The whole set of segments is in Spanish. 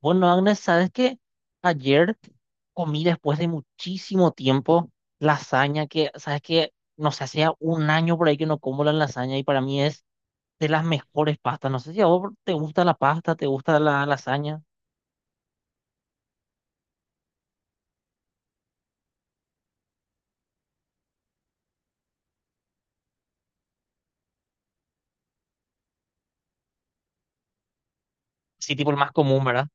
Bueno, Agnes, ¿sabes qué? Ayer comí después de muchísimo tiempo lasaña, que, ¿sabes qué? No sé, hacía un año por ahí que no como la lasaña y para mí es de las mejores pastas. No sé si a vos te gusta la pasta, te gusta la lasaña. Sí, tipo el más común, ¿verdad?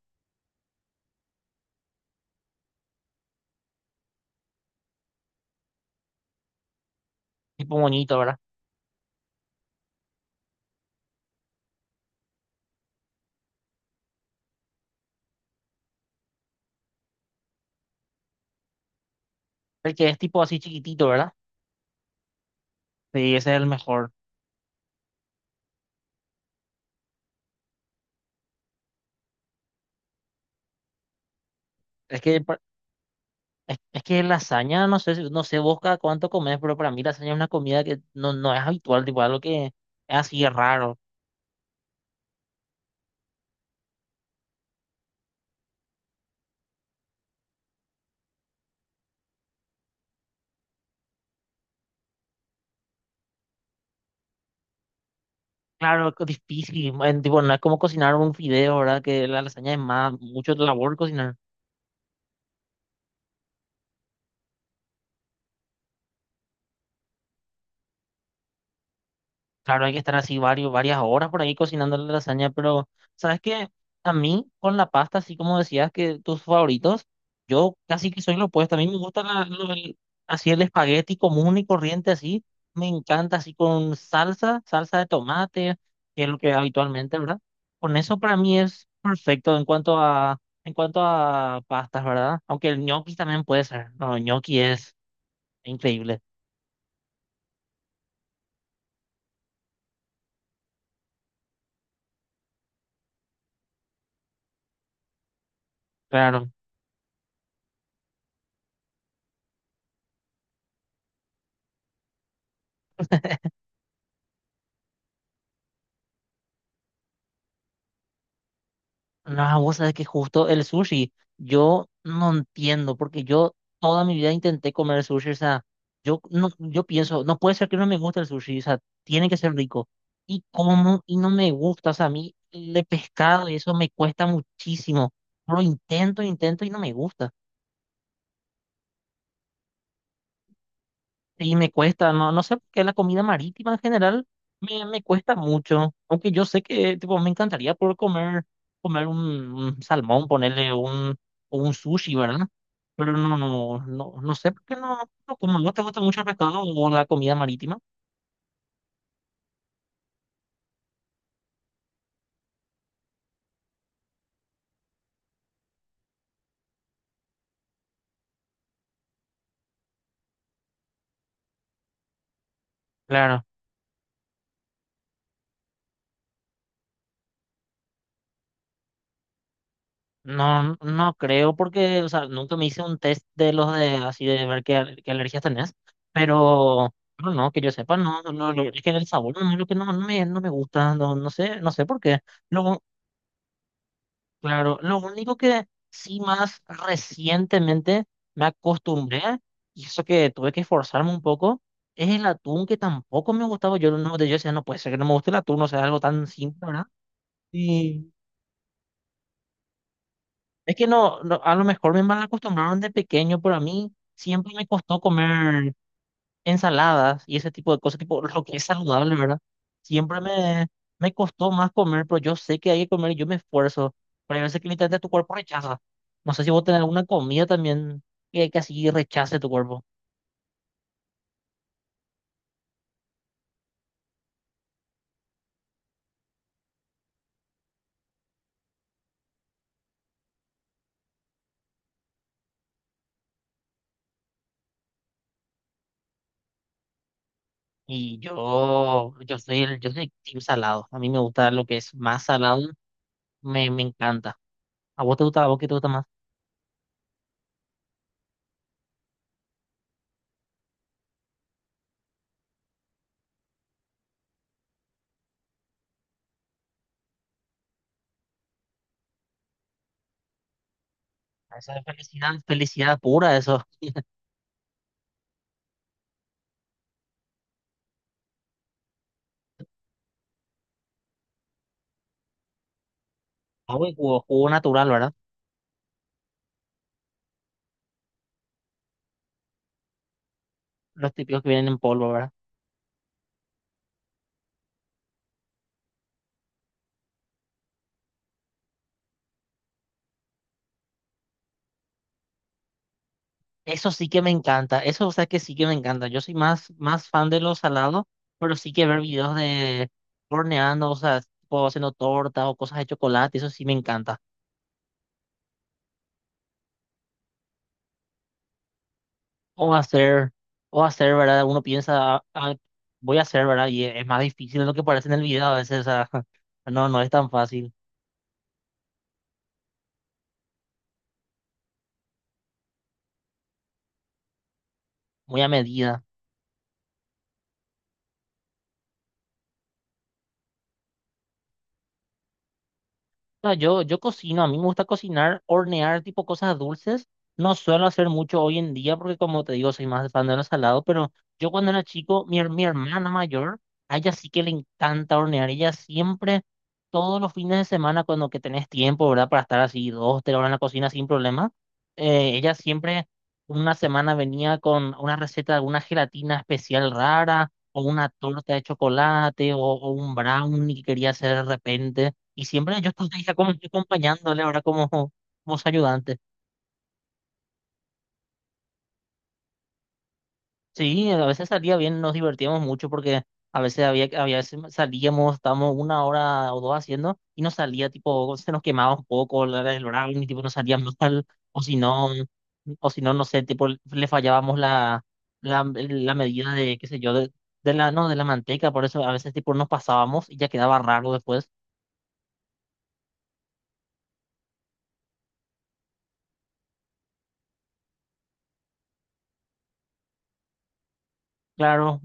Tipo bonito, ¿verdad? El que es tipo así chiquitito, ¿verdad? Sí, ese es el mejor. Es que, pa- es que lasaña, no sé, no sé vos cada cuánto comes, pero para mí lasaña es una comida que no es habitual, tipo algo que es así es raro. Claro, difícil, man, tipo, no es como cocinar un fideo, ¿verdad? Que la lasaña es más, mucho labor cocinar. Claro, hay que estar así varios, varias horas por ahí cocinando la lasaña. Pero ¿sabes qué? A mí, con la pasta, así como decías que tus favoritos, yo casi que soy lo opuesto. A mí me gusta así el espagueti común y corriente, así. Me encanta así con salsa, salsa de tomate, que es lo que habitualmente, ¿verdad? Con eso para mí es perfecto en cuanto a pastas, ¿verdad? Aunque el gnocchi también puede ser. No, el gnocchi es increíble. Claro. No, vos sabés que justo el sushi, yo no entiendo, porque yo toda mi vida intenté comer sushi, o sea, yo, no, yo pienso, no puede ser que no me guste el sushi, o sea, tiene que ser rico. Y como, y no me gusta, o sea, a mí el de pescado y eso me cuesta muchísimo. Lo intento, intento y no me gusta. Sí, me cuesta, no, no sé por qué la comida marítima en general me cuesta mucho. Aunque yo sé que tipo, me encantaría poder comer, comer un salmón, ponerle un, o un sushi, ¿verdad? Pero no sé por qué no, no como no te gusta mucho el pescado o la comida marítima. Claro, no, no creo porque, o sea, nunca me hice un test de los de así de ver qué, qué alergias tenés. Pero no, que yo sepa, no, es que el sabor no es lo que no, no me gusta, no, no sé, no sé por qué. Lo, Claro, lo único que sí más recientemente me acostumbré, y eso que tuve que esforzarme un poco, es el atún que tampoco me gustaba. Yo no, yo decía, no puede ser que no me guste el atún, o sea, algo tan simple, ¿verdad? Y es que no, no, a lo mejor me mal acostumbraron de pequeño, pero a mí siempre me costó comer ensaladas y ese tipo de cosas, tipo lo que es saludable, ¿verdad? Siempre me costó más comer, pero yo sé que hay que comer y yo me esfuerzo. Pero hay veces que literalmente tu cuerpo rechaza. No sé si vos tenés alguna comida también que así rechace tu cuerpo. Y yo soy el, yo soy team salado. A mí me gusta lo que es más salado, me encanta. ¿A vos te gusta, a vos qué te gusta más? Esa es felicidad, felicidad pura, eso. Agua y jugo, jugo natural, ¿verdad? Los típicos que vienen en polvo, ¿verdad? Eso sí que me encanta, eso o sea que sí que me encanta. Yo soy más, más fan de los salados, pero sí que ver videos de horneando, o sea, tipo haciendo tortas o cosas de chocolate, eso sí me encanta. O hacer, o hacer, ¿verdad? Uno piensa, "Ah, ah, voy a hacer, ¿verdad? Y es más difícil de lo que parece en el video a veces, o sea, no, no es tan fácil, muy a medida. No, yo cocino, a mí me gusta cocinar, hornear tipo cosas dulces. No suelo hacer mucho hoy en día porque como te digo, soy más fan de lo salado, pero yo cuando era chico, mi hermana mayor, a ella sí que le encanta hornear. Ella siempre, todos los fines de semana, cuando que tenés tiempo, ¿verdad? Para estar así dos, tres horas en la cocina sin problema, ella siempre una semana venía con una receta de alguna gelatina especial rara o una torta de chocolate o un brownie que quería hacer de repente. Y siempre yo estaba ahí como que acompañándole ahora como, como su ayudante. Sí, a veces salía bien, nos divertíamos mucho porque a veces había, había veces salíamos, estábamos una hora o dos haciendo y nos salía tipo, se nos quemaba un poco el horario y tipo nos salíamos tal, o si no, o si no, no sé, tipo le fallábamos la medida de, qué sé yo, de la, no, de la manteca, por eso a veces tipo nos pasábamos y ya quedaba raro después. Claro.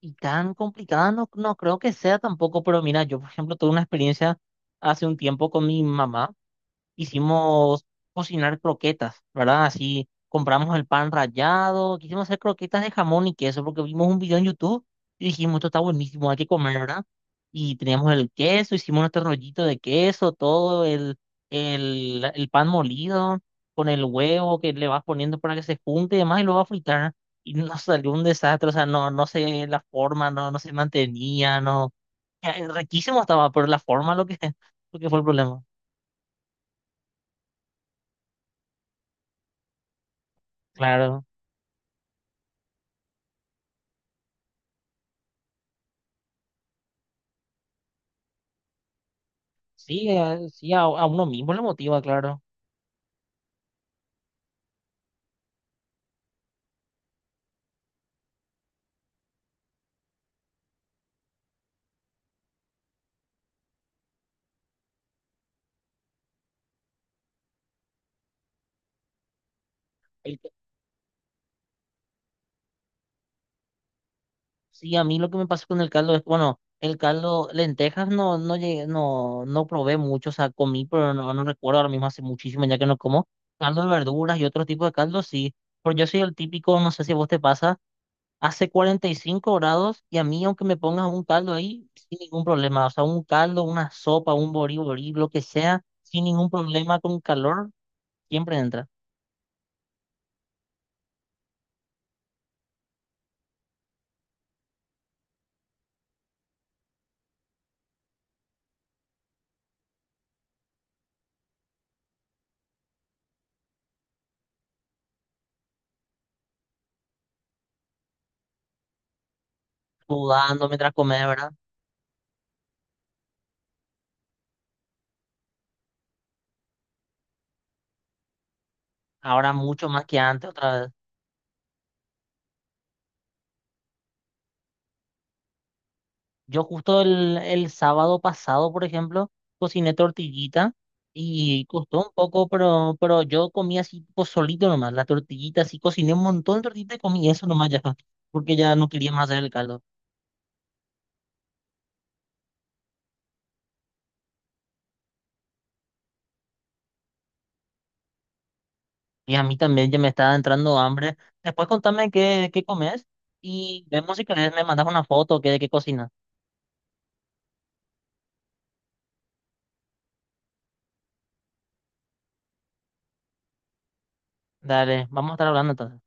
Y tan complicada no, no creo que sea tampoco, pero mira, yo por ejemplo tuve una experiencia hace un tiempo con mi mamá. Hicimos cocinar croquetas, ¿verdad? Así compramos el pan rallado, quisimos hacer croquetas de jamón y queso porque vimos un video en YouTube y dijimos, esto está buenísimo, hay que comer, ¿verdad? Y teníamos el queso, hicimos nuestro rollito de queso, todo el pan molido con el huevo que le vas poniendo para que se junte y demás y lo vas a fritar. Y nos salió un desastre, o sea, no, no sé la forma, no, no se mantenía, no. Eh, riquísimo estaba, pero la forma lo que, lo que fue el problema. Claro. Sí, sí, a uno mismo le motiva, claro. El ca- sí, a mí lo que me pasa con el caldo es, bueno, el caldo, lentejas no, no llegué, no, no probé mucho, o sea, comí, pero no, no recuerdo ahora mismo hace muchísimo ya que no como. Caldo de verduras y otro tipo de caldo, sí. Pero yo soy el típico, no sé si a vos te pasa, hace 45 grados y a mí, aunque me pongas un caldo ahí, sin ningún problema. O sea, un caldo, una sopa, un boriborí, lo que sea, sin ningún problema con calor, siempre entra. Sudando mientras comes, ¿verdad? Ahora mucho más que antes, otra vez. Yo justo el sábado pasado, por ejemplo, cociné tortillita y costó un poco, pero yo comí así tipo solito nomás, la tortillita, así cociné un montón de tortillita y comí eso nomás ya, porque ya no quería más hacer el caldo. Y a mí también ya me estaba entrando hambre. Después contame qué, qué comes y vemos si querés me mandas una foto que de qué cocinas. Dale, vamos a estar hablando entonces.